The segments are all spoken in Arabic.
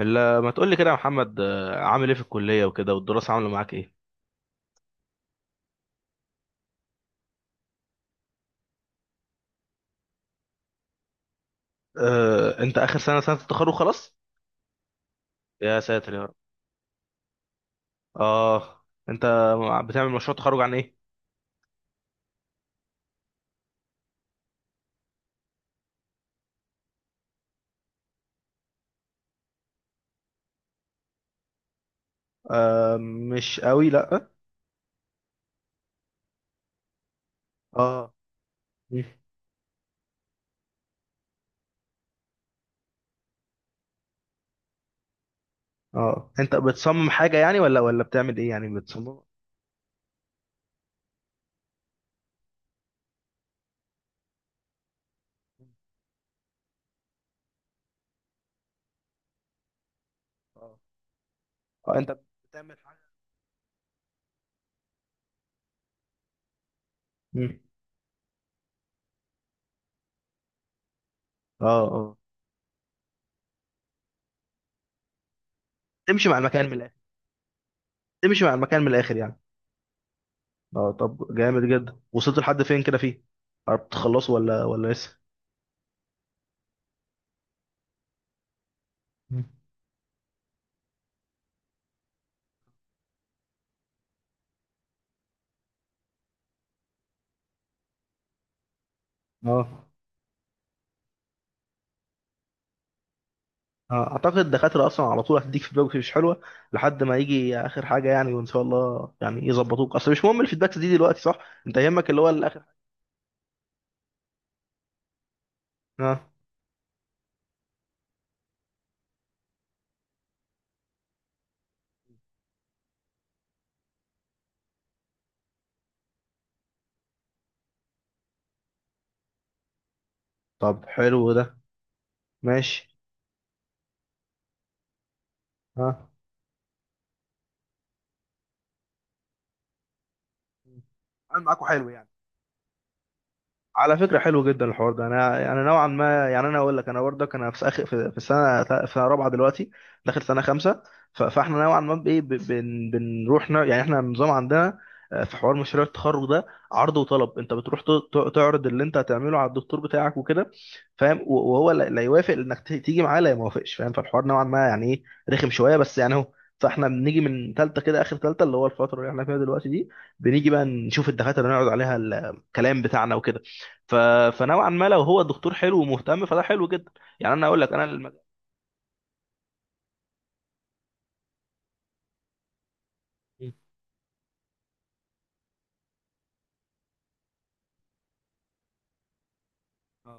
الا ما تقول لي كده يا محمد، عامل ايه في الكليه وكده، والدراسه عامله معاك ايه؟ أه، انت اخر سنه، سنه التخرج خلاص؟ يا ساتر يا رب. اه، انت بتعمل مشروع تخرج عن ايه؟ مش قوي، لا. اه. مم. اه، انت بتصمم حاجه يعني، ولا بتعمل ايه يعني؟ بتصمم؟ اه. انت بتعمل حاجه. مم. اه. اه، تمشي مع المكان من الاخر. تمشي مع المكان من الاخر يعني. اه، طب جامد جدا. وصلت لحد فين كده فيه؟ قربت تخلصه ولا لسه؟ مم. اه. اعتقد الدكاتره اصلا على طول هتديك فيدباك مش حلوه، لحد ما يجي اخر حاجه يعني، وان شاء الله يعني يظبطوك. اصل مش مهم الفيدباكس دي دلوقتي، صح؟ انت يهمك اللي هو الاخر. اه. طب حلو ده. ماشي. اه، عامل معاكوا حلو يعني. على فكرة حلو جدا الحوار ده. انا نوعا ما، يعني انا اقول لك انا برضك، انا في اخر، في السنة، في رابعة دلوقتي، داخل سنة خمسة. فاحنا نوعا ما بايه، بنروح يعني احنا النظام عندنا، في حوار مشروع التخرج ده، عرض وطلب. انت بتروح تعرض اللي انت هتعمله على الدكتور بتاعك وكده، فاهم؟ وهو لا لا يوافق، انك تيجي معاه، لا يوافقش فاهم؟ فالحوار نوعا ما يعني ايه، رخم شوية بس يعني اهو. فاحنا بنيجي من ثالثه كده، اخر ثالثه، اللي هو الفتره اللي احنا فيها دلوقتي دي، بنيجي بقى نشوف الدكاتره اللي نقعد عليها الكلام بتاعنا وكده. ف... فنوعا ما لو هو الدكتور حلو ومهتم، فده حلو جدا. يعني انا اقول لك انا المج... مم. اه.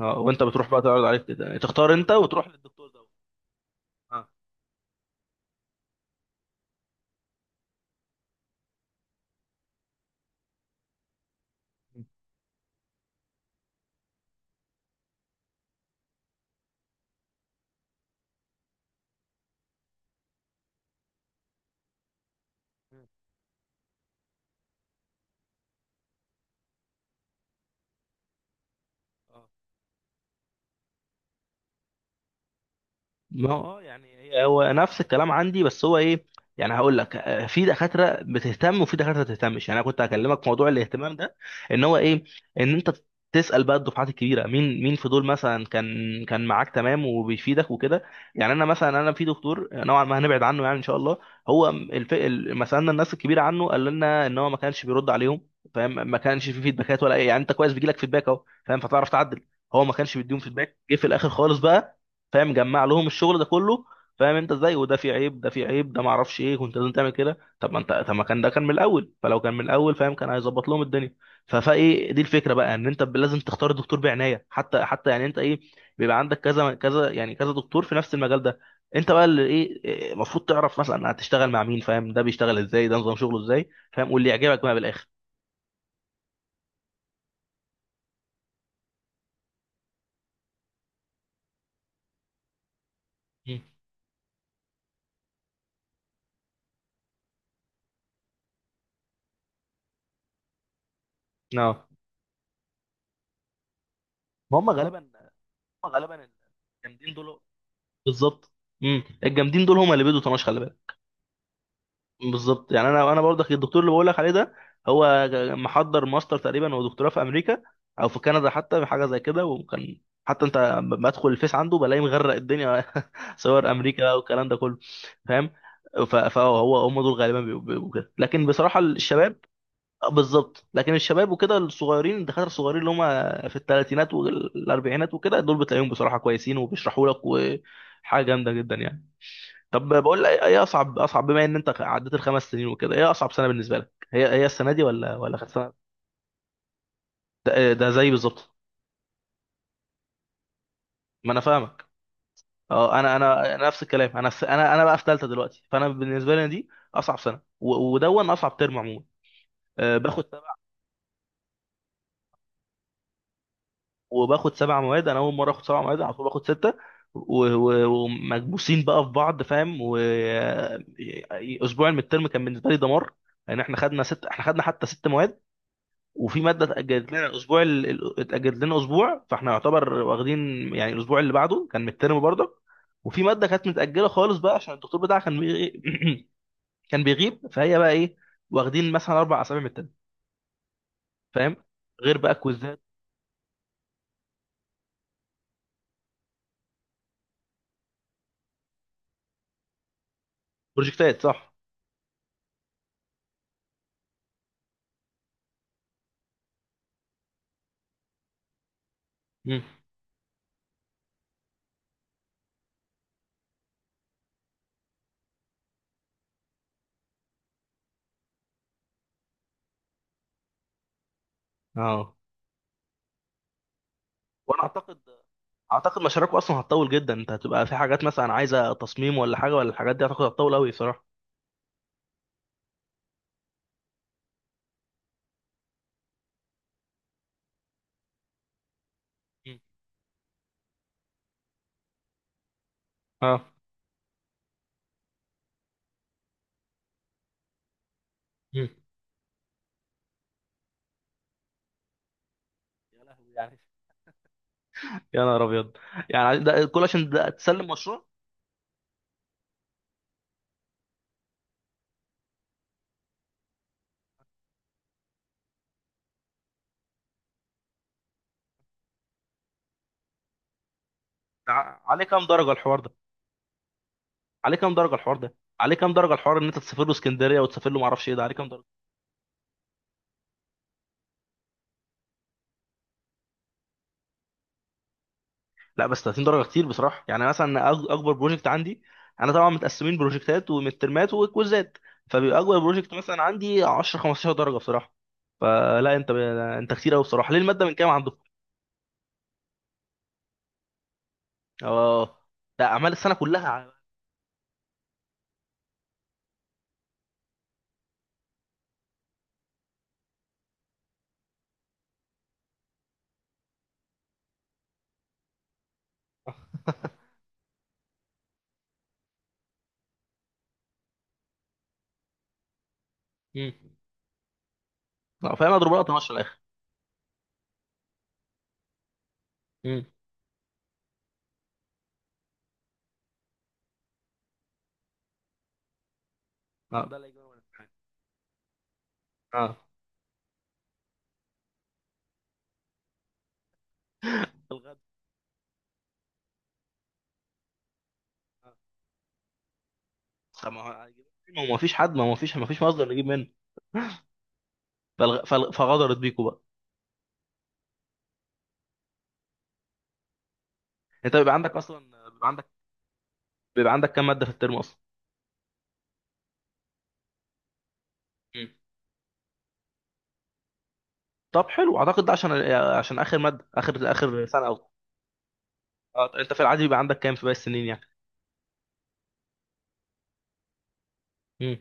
وانت بتروح بقى تعرض عليك كده، تختار انت وتروح للدكتور ده. اه. مم. ما هو يعني إيه، هو نفس الكلام عندي، بس هو ايه، يعني هقول لك، في دكاتره بتهتم وفي دكاتره ما بتهتمش. يعني انا كنت هكلمك في موضوع الاهتمام ده، ان هو ايه، ان انت تسال بقى الدفعات الكبيره، مين مين في دول مثلا كان، كان معاك تمام وبيفيدك وكده. يعني انا مثلا انا في دكتور نوعا ما هنبعد عنه يعني، ان شاء الله. هو مثلا الناس الكبيره عنه قال لنا ان هو ما كانش بيرد عليهم، فاهم؟ ما كانش في فيدباكات ولا اي، يعني انت كويس بيجي لك فيدباك اهو، فاهم؟ فتعرف تعدل. هو ما كانش بيديهم فيدباك، جه في الاخر خالص بقى، فاهم؟ جمع لهم الشغل ده كله، فاهم انت ازاي؟ وده في عيب، ده في عيب، ده ما اعرفش ايه. كنت لازم تعمل كده. طب ما انت، طب ما كان ده كان من الاول. فلو كان من الاول، فاهم، كان هيظبط لهم الدنيا. فايه دي الفكره بقى، ان انت لازم تختار الدكتور بعنايه، حتى حتى يعني انت ايه، بيبقى عندك كذا كذا، يعني كذا دكتور في نفس المجال ده. انت بقى اللي ايه، ايه، المفروض تعرف مثلا هتشتغل مع مين، فاهم؟ ده بيشتغل ازاي، ده نظام شغله ازاي، فاهم؟ واللي يعجبك بقى بالاخر. مم. اه. ما هم غالبا، هم غالبا الجامدين دول. بالظبط. مم. الجامدين دول هم اللي بيدوا طناش، خلي بالك. بالظبط. يعني انا برضه الدكتور اللي بقول لك عليه ده، هو محضر ماستر تقريبا ودكتوراه في امريكا، او في كندا، حتى حاجه زي كده. وكان، حتى انت لما ادخل الفيس عنده بلاقيه مغرق الدنيا صور امريكا والكلام ده كله، فاهم؟ فهو، هم دول غالبا بيبقوا كده. لكن بصراحه الشباب، بالظبط، لكن الشباب وكده، الصغيرين، الدكاتره الصغيرين اللي هم في الثلاثينات والاربعينات وكده، دول بتلاقيهم بصراحه كويسين وبيشرحوا لك، وحاجه جامده جدا يعني. طب بقول لك ايه، اصعب بما ان انت عديت الخمس سنين وكده، ايه اصعب سنه بالنسبه لك؟ هي هي السنه دي ولا كانت سنه، ده زي بالظبط. ما انا فاهمك. اه، انا انا نفس الكلام. انا انا بقى في ثالثه دلوقتي، فانا بالنسبه لي دي اصعب سنه، ودون اصعب ترم عموما. آه، باخد سبع وباخد سبع مواد. انا اول مره اخد سبع مواد على طول. باخد سته، ومكبوسين بقى في بعض، فاهم؟ واسبوع من الترم كان بالنسبه لي دمار، لان يعني احنا خدنا ست، احنا خدنا حتى ست مواد. وفي ماده اتاجلت لنا الاسبوع، اتاجلت لنا اسبوع. فاحنا يعتبر واخدين، يعني الاسبوع اللي بعده كان مترم برضه. وفي ماده كانت متاجله خالص بقى عشان الدكتور بتاعها كان بيغي... كان بيغيب. فهي بقى ايه، واخدين مثلا اربع اسابيع من الترم، فاهم؟ غير بقى كويزات. بروجكتات، صح. مم. اه. وانا اعتقد مشاريعكم اصلا هتطول جدا. انت هتبقى في حاجات مثلا عايزه تصميم ولا حاجه، ولا الحاجات دي هتاخد، هتطول قوي صراحه. مم. اه. مم. يا لهوي يعني. يا نهار ابيض، يعني ده كل عشان ده تسلم مشروع؟ عليه كام درجه الحوار ده؟ عليه كام درجه الحوار ده؟ عليه كام درجه الحوار ان انت تسافر له اسكندريه وتسافر له ما اعرفش ايه، ده عليه كام درجه؟ لا بس 30 درجه كتير بصراحه. يعني مثلا اكبر بروجكت عندي، انا طبعا متقسمين بروجكتات ومترمات وكويزات، فبيبقى اكبر بروجكت مثلا عندي 10 15 درجه بصراحه. فلا انت انت كتير قوي بصراحه. ليه الماده من كام عندكم؟ اه، ده اعمال السنه كلها على- مم. لا، فاهم. اضرب لها 12 في الاخر. مم. اه، ده اللي يجي من الامتحان. اه. الغد. طب ما هو، ما هو مفيش حد، ما هو مفيش، ما فيش مصدر نجيب منه. فغدرت بيكوا بقى. انت بيبقى عندك اصلا، بيبقى عندك، بيبقى عندك كام ماده في الترم اصلا؟ مم. طب حلو. اعتقد ده عشان اخر ماده، اخر سنه او. اه، انت في العادي بيبقى عندك كام في باقي السنين يعني؟ مم.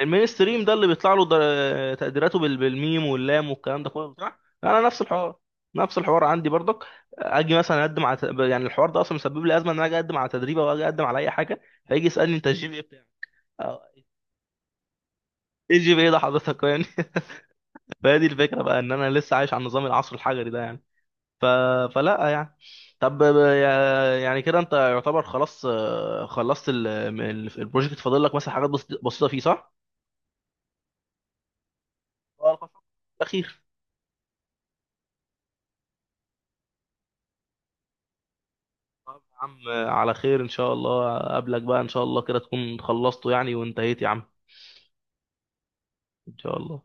المين ستريم ده اللي بيطلع له تقديراته بالميم واللام والكلام ده كله بتاع، انا نفس الحوار. نفس الحوار عندي برضك. اجي مثلا اقدم على يعني الحوار ده اصلا مسبب لي ازمه، ان انا اجي اقدم على تدريب، او اجي اقدم على اي حاجه، فيجي يسالني انت الجي بي إيه بتاعك؟ ايه جي بي ايه ده حضرتك يعني؟ فهذه الفكره بقى، ان انا لسه عايش على نظام العصر الحجري ده يعني. ف... فلا يعني. طب يا، يعني كده انت يعتبر خلاص، خلصت البروجكت، فاضل لك مثلا حاجات بسيطه فيه، صح؟ اه، الخطوة الاخير. طب يا عم، على خير ان شاء الله. اقابلك بقى ان شاء الله كده تكون خلصته يعني وانتهيت، يا عم. ان شاء الله.